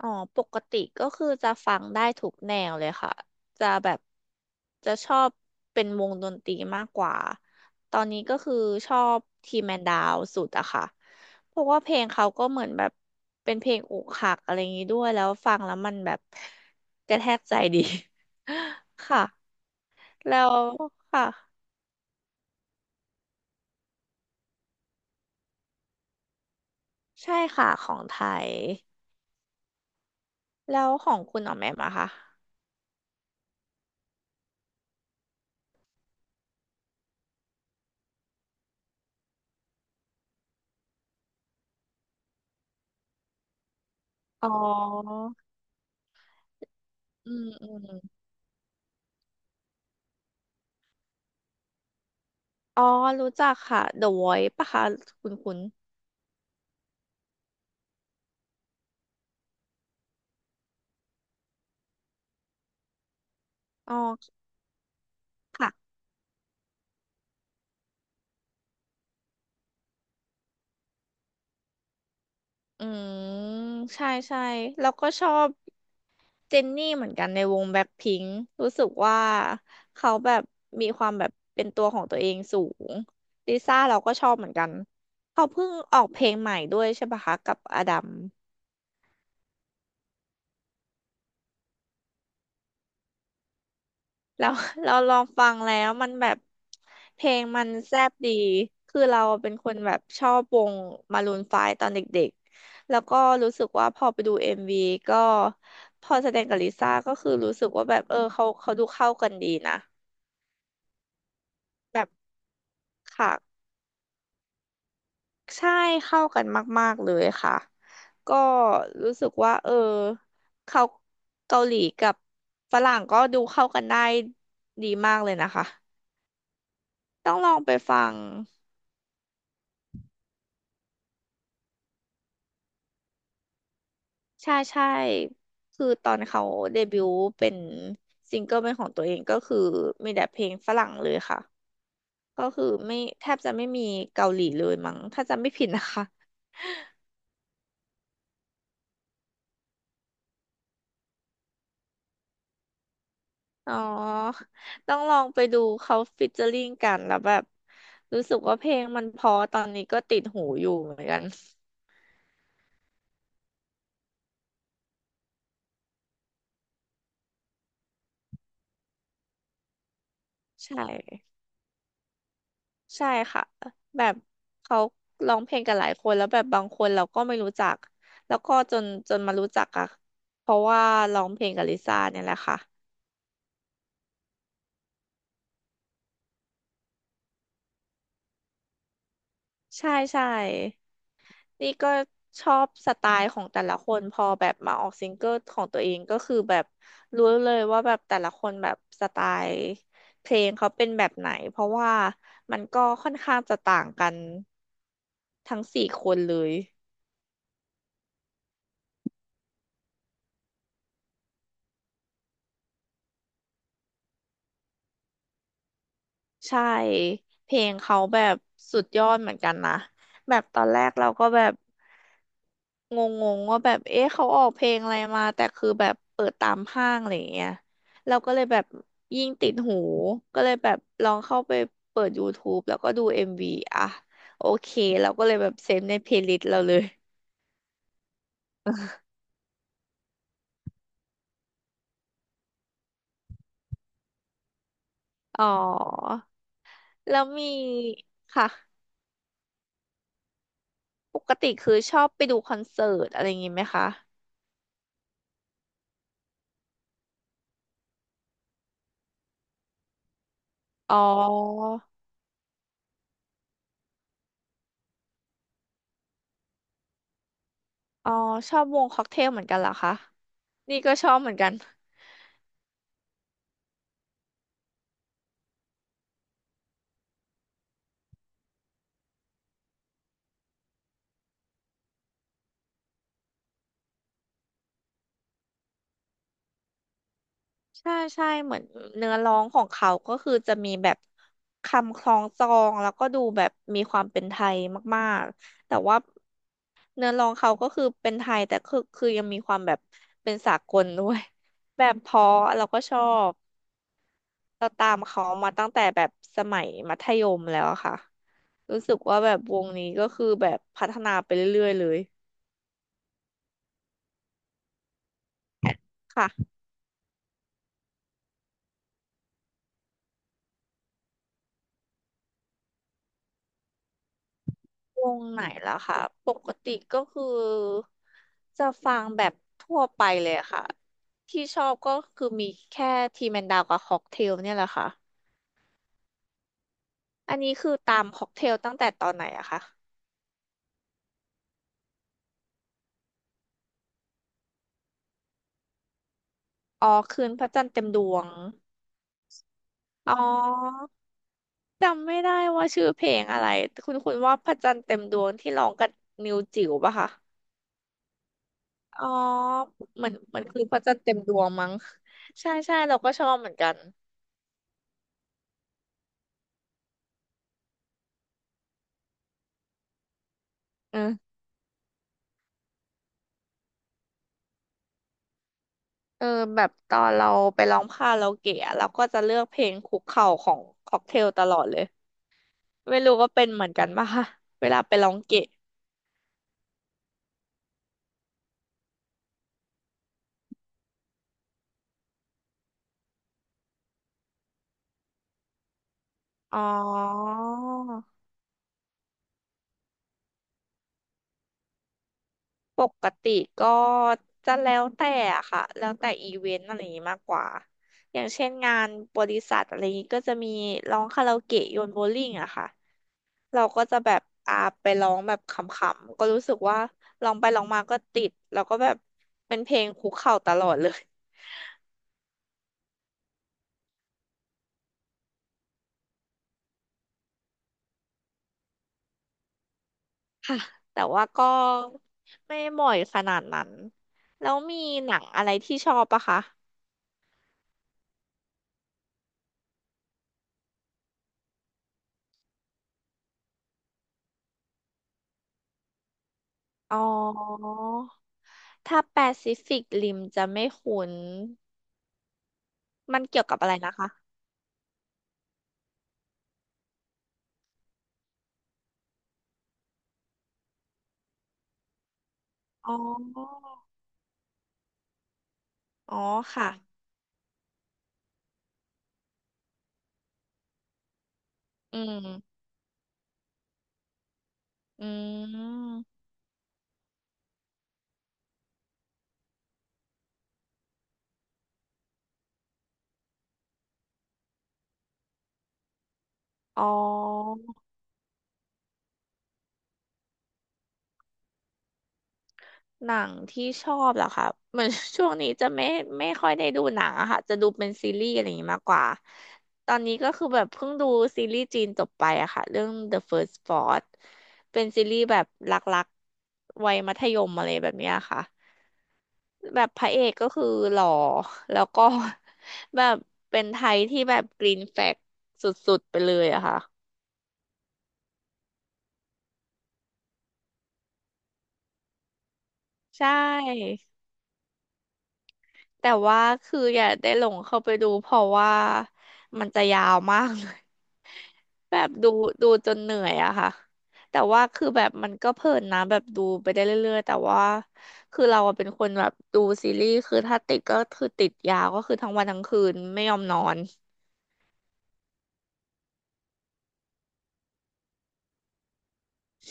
อ๋อปกติก็คือจะฟังได้ทุกแนวเลยค่ะจะแบบจะชอบเป็นวงดนตรีมากกว่าตอนนี้ก็คือชอบทีแมนดาวสุดอะค่ะเพราะว่าเพลงเขาก็เหมือนแบบเป็นเพลงอกหักอะไรอย่างนี้ด้วยแล้วฟังแล้วมันแบบกระแทกใจดี ค่ะแล้วค่ะใช่ค่ะของไทยแล้วของคุณออกแบบมาค่ะอ๋ออืมอืม อ๋อ รู้จักค่ะ The Voice ปะคะคุณคุณ อ๋อ ค่ะ อืม ใช่ใช่แล้วก็ชอบเจนนี่เหมือนกันในวงแบล็คพิงค์รู้สึกว่าเขาแบบมีความแบบเป็นตัวของตัวเองสูงลิซ่าเราก็ชอบเหมือนกันเขาเพิ่งออกเพลงใหม่ด้วยใช่ปะคะกับอดัม แล้ว เราลองฟังแล้วมันแบบเพลงมันแซ่บดีคือเราเป็นคนแบบชอบวงมารูนไฟว์ตอนเด็กๆแล้วก็รู้สึกว่าพอไปดูเอ็มวีก็พอแสดงกับลิซ่าก็คือรู้สึกว่าแบบเออเขาดูเข้ากันดีนะแบบค่ะใช่เข้ากันมากๆเลยค่ะก็รู้สึกว่าเออเขาเกาหลีกับฝรั่งก็ดูเข้ากันได้ดีมากเลยนะคะต้องลองไปฟัง ใช่ใช่คือตอนเขาเดบิวต์เป็นซิงเกิลเป็นของตัวเองก็คือมีแต่เพลงฝรั่งเลยค่ะก็คือไม่แทบจะไม่มีเกาหลีเลยมั้งถ้าจำไม่ผิดนะคะอ๋อต้องลองไปดูเขาฟิชเจอริงกันแล้วแบบรู้สึกว่าเพลงมันเพอตอนนี้ก็ติดหูอยู่เหมือนกันใช่ ใช่ค่ะแบบเขาร้องเพลงกันหลายคนแล้วแบบบางคนเราก็ไม่รู้จักแล้วก็จนมารู้จักอะเพราะว่าร้องเพลงกับลิซ่าเนี่ยแหละค่ะใช่ใช่นี่ก็ชอบสไตล์ของแต่ละคนพอแบบมาออกซิงเกิลของตัวเองก็คือแบบรู้เลยว่าแบบแต่ละคนแบบสไตล์เพลงเขาเป็นแบบไหนเพราะว่ามันก็ค่อนข้างจะต่างกันทั้งสี่คนเลย ใช่เพลงเขาแบบสุดยอดเหมือนกันนะแบบตอนแรกเราก็แบบงงๆว่าแบบเอ๊ะเขาออกเพลงอะไรมาแต่คือแบบเปิดตามห้างอะไรอย่างเงี้ยเราก็เลยแบบยิ่งติดหูก็เลยแบบลองเข้าไปเปิด YouTube แล้วก็ดู MV อมวีอ่ะโอเคเราก็เลยแบบเซฟในเพลย์ลิสต์เราเลยอ๋อแล้วมีค่ะปกติคือชอบไปดูคอนเสิร์ตอะไรอย่างงี้ไหมคะอ๋ออ๋อชอบวงค็อกเทลเหมือนกันเหรอคะ นี่ก็ชอบเหมือนกันใช่ใช่เหมือนเนื้อร้องของเขา ก็คือจะมีแบบคำคล้องจองแล้วก็ดูแบบมีความเป็นไทยมากๆแต่ว่าเนื้อร้องเขาก็คือเป็นไทยแต่คือยังมีความแบบเป็นสากลด้วยแบบเพราะเราก็ชอบเราตามเขามาตั้งแต่แบบสมัยมัธยมแล้วอะค่ะรู้สึกว่าแบบวงนี้ก็คือแบบพัฒนาไปเรื่อยๆเลยค่ะ วงไหนล่ะค่ะปกติก็คือจะฟังแบบทั่วไปเลยค่ะที่ชอบก็คือมีแค่ทีแมนดาวกับค็อกเทลเนี่ยแหละค่ะอันนี้คือตามค็อกเทลตั้งแต่ตอนไหนอะคะอ๋อคืนพระจันทร์เต็มดวงอ๋อจำไม่ได้ว่าชื่อเพลงอะไรคุณคุณว่าพระจันทร์เต็มดวงที่ร้องกับนิวจิ๋วปะคะอ๋อเหมือนคือพระจันทร์เต็มดวงมั้งใช่ใช่เราก็ชอบเหมือนกันเออ เออแบบตอนเราไปร้องคาราโอเกะอะเราก็จะเลือกเพลงคุกเข่าของค็อกเทลตลอดเลยไม่รู้ว่าเป็นเหมือนกันป่ะคะเวลาไปร้องเกะอ๋อปกติก็จะแล้วแต่อะค่ะแล้วแต่อีเวนต์อะไรอย่างนี้มากกว่าอย่างเช่นงานบริษัทอะไรอย่างนี้ก็จะมีร้องคาราโอเกะโยนโบว์ลิ่งอะค่ะเราก็จะแบบอ่าไปร้องแบบขำๆก็รู้สึกว่าร้องไปร้องมาก็ติดแล้วก็แบบเป็นเพลงคุกเข่าตลอดเลย ค่ะแต่ว่าก็ไม่บ่อยขนาดนั้นแล้วมีหนังอะไรที่ชอบปะคะอ๋อถ้าแปซิฟิกริมจะไม่คุ้นมันเกี่ยวกับอะไรนะคะอ๋ออ๋อค่ะอืมอืมอ๋อ หนังที่ชอบเหรอคะเหมือน ช่วงนี้จะไม่ค่อยได้ดูหนังอะค่ะจะดูเป็นซีรีส์อะไรอย่างนี้มากกว่าตอนนี้ก็คือแบบเพิ่งดูซีรีส์จีนจบไปอะค่ะเรื่อง The First Spot เป็นซีรีส์แบบรักๆวัยมัธยมอะไรแบบเนี้ยค่ะแบบพระเอกก็คือหล่อแล้วก็ แบบเป็นไทยที่แบบกรีนแฟลกสุดๆไปเลยอะค่ะใช่ แต่ว่าคืออย่าได้หลงเข้าไปดูเพราะว่ามันจะยาวมากเลย แบบดูจนเหนื่อยอะค่ะแต่ว่าคือแบบมันก็เพลินนะแบบดูไปได้เรื่อยๆแต่ว่าเราอะเป็นคนแบบดูซีรีส์คือถ้าติดก็คือติดยาวก็คือทั้งวันทั้งคืนไม่ยอมนอน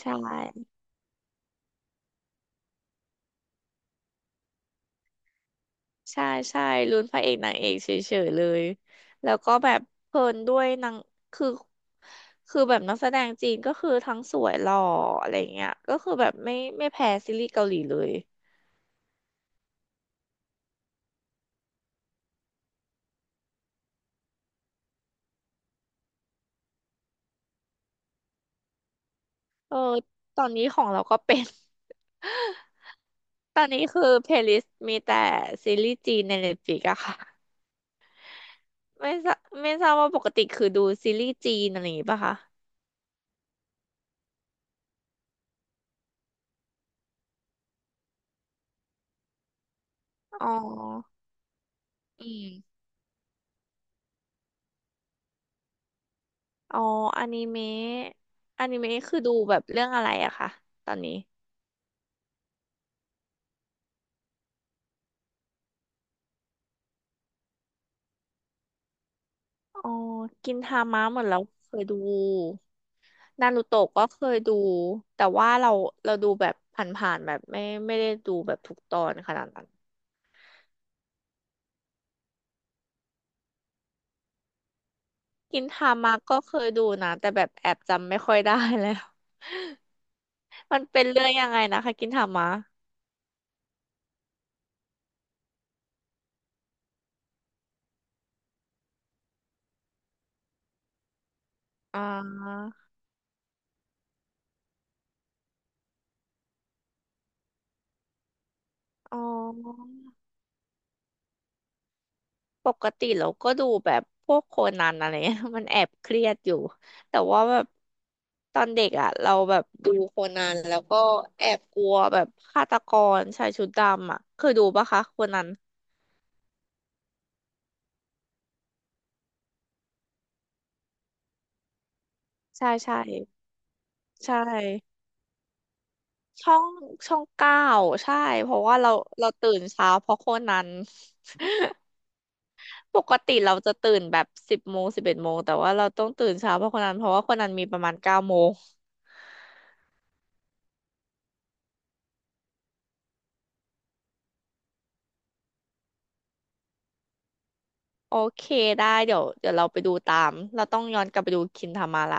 ใช่ ใช่ใช่ลุ้นพระเอกนางเอกเฉยๆเลยแล้วก็แบบเพลินด้วยนางคือคือแบบนักแสดงจีนก็คือทั้งสวยหล่ออะไรเงี้ยก็คือแบบไม่แพ้ซีรีส์เกาหลีเลยเออตอนนี้ของเราก็เป็น ตอนนี้คือเพลย์ลิสต์มีแต่ซีรีส์จีนใน Netflix อะค่ะไม่ทราไม่ทราบว่าปกติคือดูซีรีส์จีนอะไรอย่างงี้ป่ะคะอ๋ออืม อ๋ออนิเมะอนิเมะคือดูแบบเรื่องอะไรอะคะตอนนี้อ๋อกินทามะเหมือนเราเคยดูนารูโตะก็เคยดูแต่ว่าเราดูแบบผ่านๆแบบไม่ได้ดูแบบทุกตอนขนาดนั้นกินทามะก็เคยดูนะแต่แบบแอบจำไม่ค่อยได้แล้วมันเป็นเรื่องยังไงนะคะกินทามะอ่าอ๋อ ปกติเราก็ดูแบบพวกโคนันอะไรเงี้ย มันแอบเครียดอยู่แต่ว่าแบบตอนเด็กอ่ะเราแบบดูโคนันแล้วก็แอบกลัวแบบฆาตกรชายชุดดำอ่ะเคยดูปะคะโคนันใช่ใช่ใช่ช่องช่องเก้าใช่เพราะว่าเราตื่นเช้าเพราะโคนันปกติเราจะตื่นแบบ10 โมง11 โมงแต่ว่าเราต้องตื่นเช้าเพราะโคนันเพราะว่าโคนันมีประมาณ9 โมง โอเคได้เดี๋ยวเราไปดูตามเราต้องย้อนกลับไปดูคินทามาละ